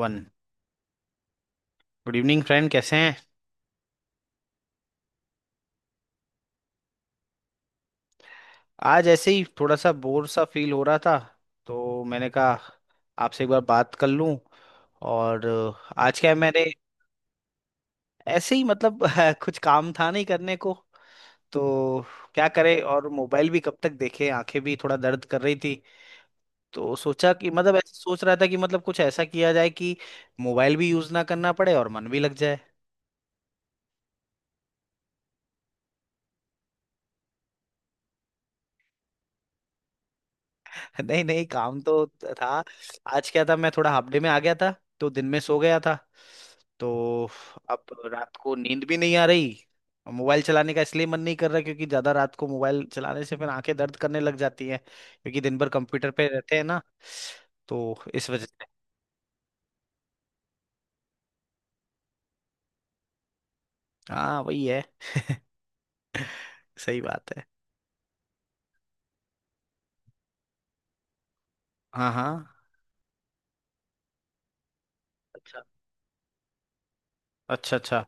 One. Good evening friend, कैसे हैं। आज ऐसे ही थोड़ा सा बोर सा फील हो रहा था, तो मैंने कहा आपसे एक बार बात कर लूं। और आज क्या है, मैंने ऐसे ही कुछ काम था नहीं करने को, तो क्या करे। और मोबाइल भी कब तक देखे, आंखें भी थोड़ा दर्द कर रही थी। तो सोचा कि मतलब ऐसे सोच रहा था कि कुछ ऐसा किया जाए कि मोबाइल भी यूज ना करना पड़े और मन भी लग जाए। नहीं नहीं, काम तो था। आज क्या था, मैं थोड़ा हाफ डे में आ गया था, तो दिन में सो गया था। तो अब रात को नींद भी नहीं आ रही, और मोबाइल चलाने का इसलिए मन नहीं कर रहा क्योंकि ज्यादा रात को मोबाइल चलाने से फिर आंखें दर्द करने लग जाती हैं, क्योंकि दिन भर कंप्यूटर पे रहते हैं ना। तो इस वजह से। हाँ वही है, सही बात है। हाँ हाँ। अच्छा अच्छा अच्छा।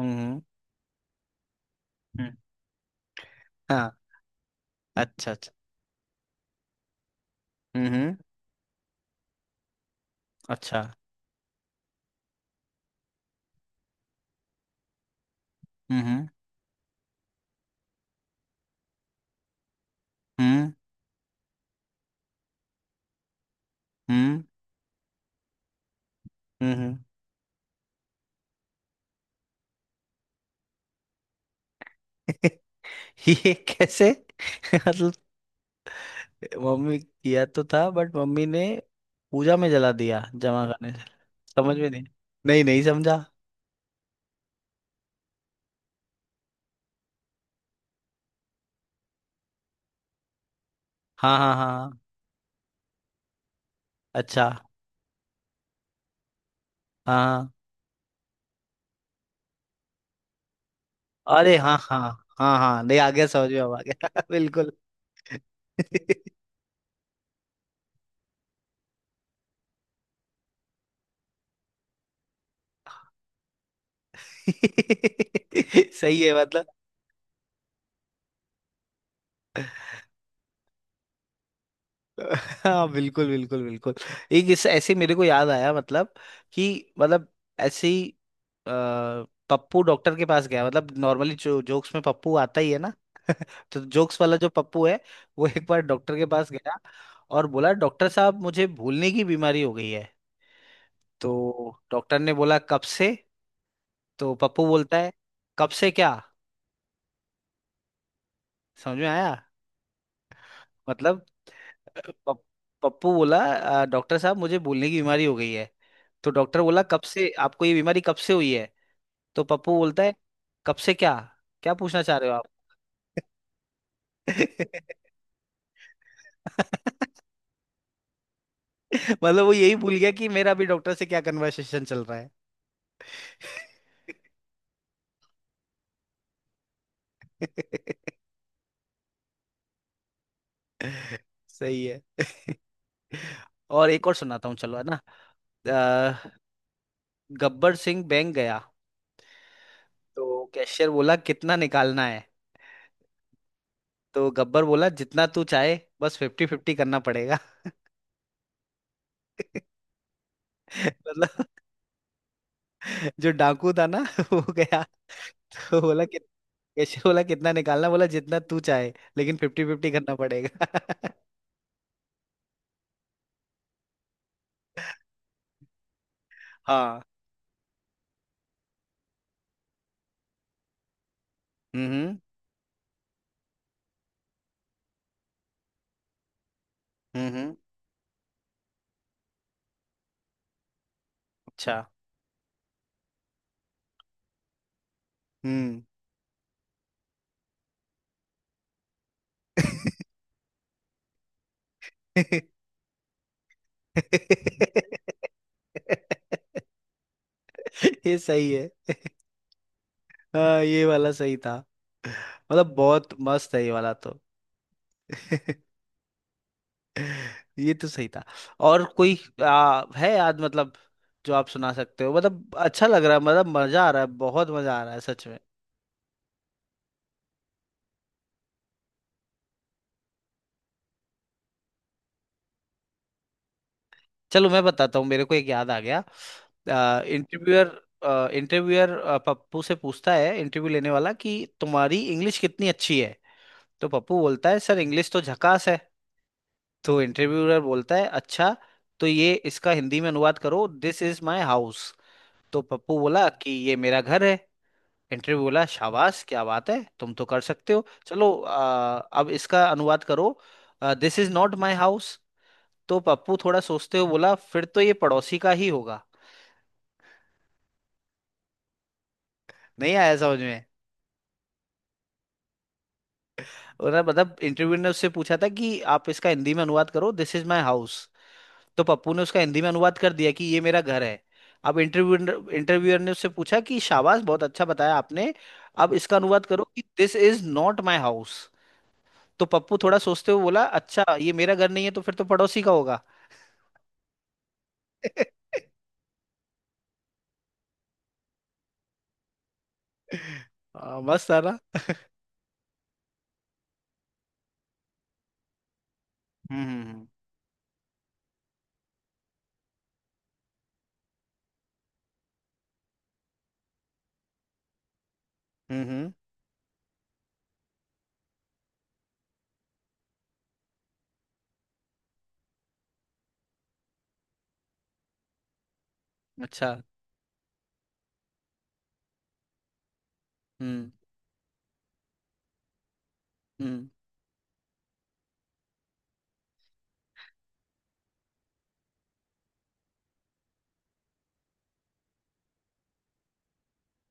हम्म हम्म हम्म, हाँ। अच्छा अच्छा। हम्म हम्म, अच्छा। हम्म हम्म हम्म हम्म हम्म ये कैसे। मतलब मम्मी किया तो था, बट मम्मी ने पूजा में जला दिया जमा करने से। समझ में नहीं। नहीं नहीं समझा। हाँ हाँ हाँ हाँ। अच्छा। हाँ हाँ। अरे हाँ हाँ। हाँ हाँ, नहीं आ गया समझ में, अब आ गया बिल्कुल। सही है हाँ बिल्कुल बिल्कुल बिल्कुल। एक इस ऐसे मेरे को याद आया। मतलब कि मतलब ऐसे ही अ, पप्पू डॉक्टर के पास गया। नॉर्मली जो जोक्स में पप्पू आता ही है ना। तो जोक्स वाला जो पप्पू है, वो एक बार डॉक्टर के पास गया और बोला, डॉक्टर साहब मुझे भूलने की बीमारी हो गई है। तो डॉक्टर ने बोला, कब से। तो पप्पू बोलता है, कब से क्या। समझ में आया। मतलब पप- पप्पू बोला, डॉक्टर साहब मुझे भूलने की बीमारी हो गई है"। तो डॉक्टर बोला, कब से, आपको ये बीमारी कब से हुई है। तो पप्पू बोलता है, कब से क्या, क्या पूछना चाह रहे हो आप। मतलब वो यही भूल गया कि मेरा अभी डॉक्टर से क्या कन्वर्सेशन चल रहा है। सही है। और एक और सुनाता हूँ चलो, है ना। अ, गब्बर सिंह बैंक गया। तो कैशियर बोला, कितना निकालना है। तो गब्बर बोला, जितना तू चाहे, बस फिफ्टी फिफ्टी करना पड़ेगा। मतलब जो डाकू था ना वो गया, वो बोला कि, कैशियर बोला कितना निकालना, बोला जितना तू चाहे, लेकिन फिफ्टी फिफ्टी करना पड़ेगा। हाँ। हम्म हम्म अच्छा। हम्म ये सही है। हाँ ये वाला सही था। मतलब बहुत मस्त है ये वाला तो। ये तो सही था। और कोई है याद, जो आप सुना सकते हो। मतलब अच्छा लग रहा है, मतलब मजा आ रहा है, बहुत मजा आ रहा है सच में। चलो मैं बताता हूँ, मेरे को एक याद आ गया। इंटरव्यूअर, इंटरव्यूअर पप्पू से पूछता है, इंटरव्यू लेने वाला कि तुम्हारी इंग्लिश कितनी अच्छी है। तो पप्पू बोलता है, सर इंग्लिश तो झकास है। तो इंटरव्यूअर बोलता है, अच्छा, तो ये इसका हिंदी में अनुवाद करो, दिस इज माय हाउस। तो पप्पू बोला कि ये मेरा घर है। इंटरव्यू बोला, शाबाश क्या बात है, तुम तो कर सकते हो। चलो अब इसका अनुवाद करो, this is not my house. तो पप्पू थोड़ा सोचते हुए बोला, फिर तो ये पड़ोसी का ही होगा। नहीं आया समझ में। उन्होंने इंटरव्यू ने उससे पूछा था कि आप इसका हिंदी में अनुवाद करो, दिस इज माई हाउस। तो पप्पू ने उसका हिंदी में अनुवाद कर दिया कि ये मेरा घर है। अब इंटरव्यूअर ने उससे पूछा कि शाबाश, बहुत अच्छा बताया आपने, अब इसका अनुवाद करो कि this is not my house. तो पप्पू थोड़ा सोचते हुए बोला, अच्छा ये मेरा घर नहीं है तो फिर तो पड़ोसी का होगा। हाँ, मस्त था ना। हम्म हम्म हम्म हम्म, अच्छा। हम्म हम्म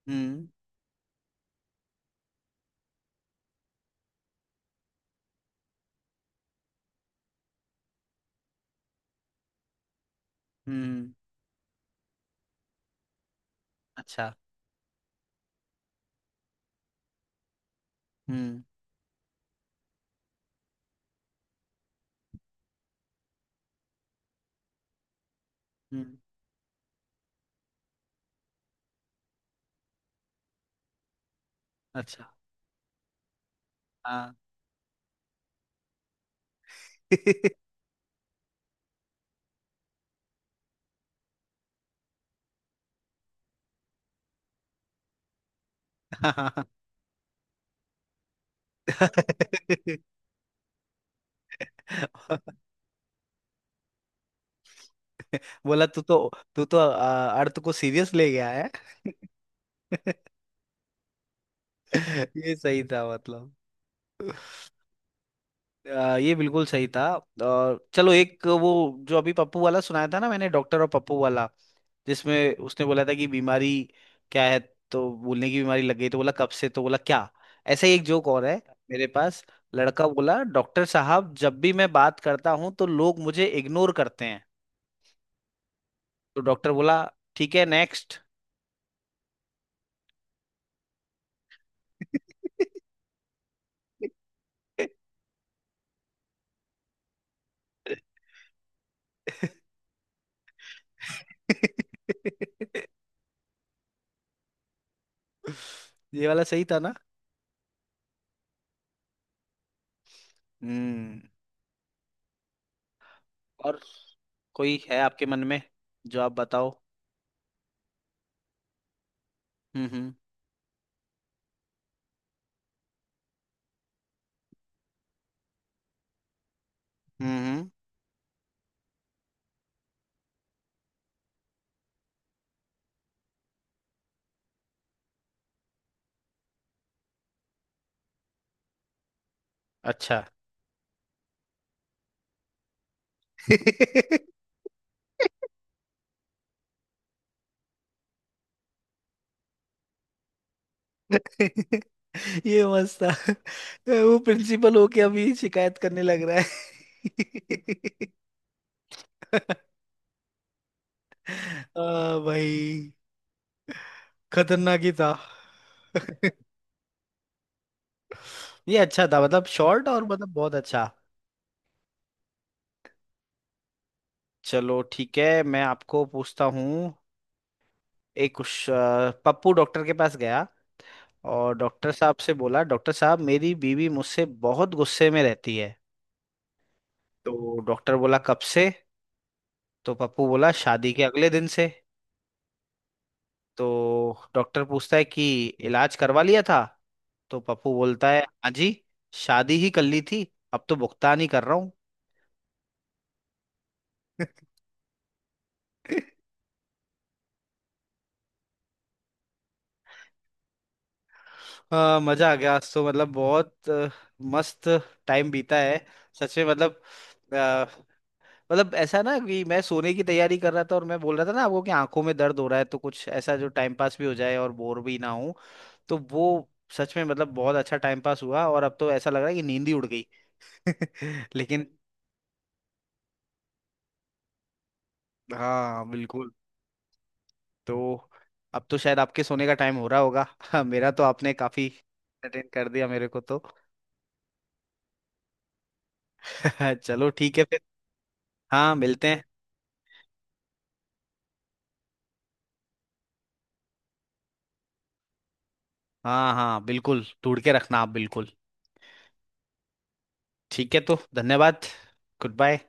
हम्म हम्म अच्छा। हम्म हम्म अच्छा। हाँ हाँ, हाँ। बोला तू तो, तू तो अर्थ को सीरियस ले गया है। ये सही था ये बिल्कुल सही था। और चलो एक वो जो अभी पप्पू वाला सुनाया था ना मैंने, डॉक्टर और पप्पू वाला, जिसमें उसने बोला था कि बीमारी क्या है, तो बोलने की बीमारी लग गई, तो बोला कब से, तो बोला क्या। ऐसा ही एक जोक और है मेरे पास। लड़का बोला, डॉक्टर साहब जब भी मैं बात करता हूँ तो लोग मुझे इग्नोर करते हैं। तो डॉक्टर बोला, ठीक है नेक्स्ट। ये वाला सही था ना। हम्म और कोई है आपके मन में जो आप बताओ। हम्म हम्म हम्म हम्म, अच्छा। ये मस्त था, वो प्रिंसिपल होके अभी शिकायत करने लग रहा है। भाई खतरनाक ही था। ये अच्छा था मतलब, शॉर्ट और मतलब बहुत अच्छा। चलो ठीक है मैं आपको पूछता हूँ। एक कुछ पप्पू डॉक्टर के पास गया और डॉक्टर साहब से बोला, डॉक्टर साहब मेरी बीवी मुझसे बहुत गुस्से में रहती है। तो डॉक्टर बोला, कब से। तो पप्पू बोला, शादी के अगले दिन से। तो डॉक्टर पूछता है कि इलाज करवा लिया था। तो पप्पू बोलता है, हाँ जी, शादी ही कर ली थी, अब तो भुगतान ही कर रहा हूँ। हाँ, मजा आ गया आज तो, मतलब बहुत मस्त टाइम बीता है सच में। मतलब ऐसा ना कि मैं सोने की तैयारी कर रहा था और मैं बोल रहा था ना आपको कि आंखों में दर्द हो रहा है, तो कुछ ऐसा जो टाइम पास भी हो जाए और बोर भी ना हो। तो वो सच में मतलब बहुत अच्छा टाइम पास हुआ, और अब तो ऐसा लग रहा है कि नींद ही उड़ गई। लेकिन हाँ बिल्कुल। तो अब तो शायद आपके सोने का टाइम हो रहा होगा। मेरा तो आपने काफी अटेंड कर दिया, मेरे को तो। चलो ठीक है फिर। हाँ मिलते हैं। हाँ हाँ बिल्कुल, ढूंढ के रखना आप बिल्कुल। ठीक है तो धन्यवाद। Good bye.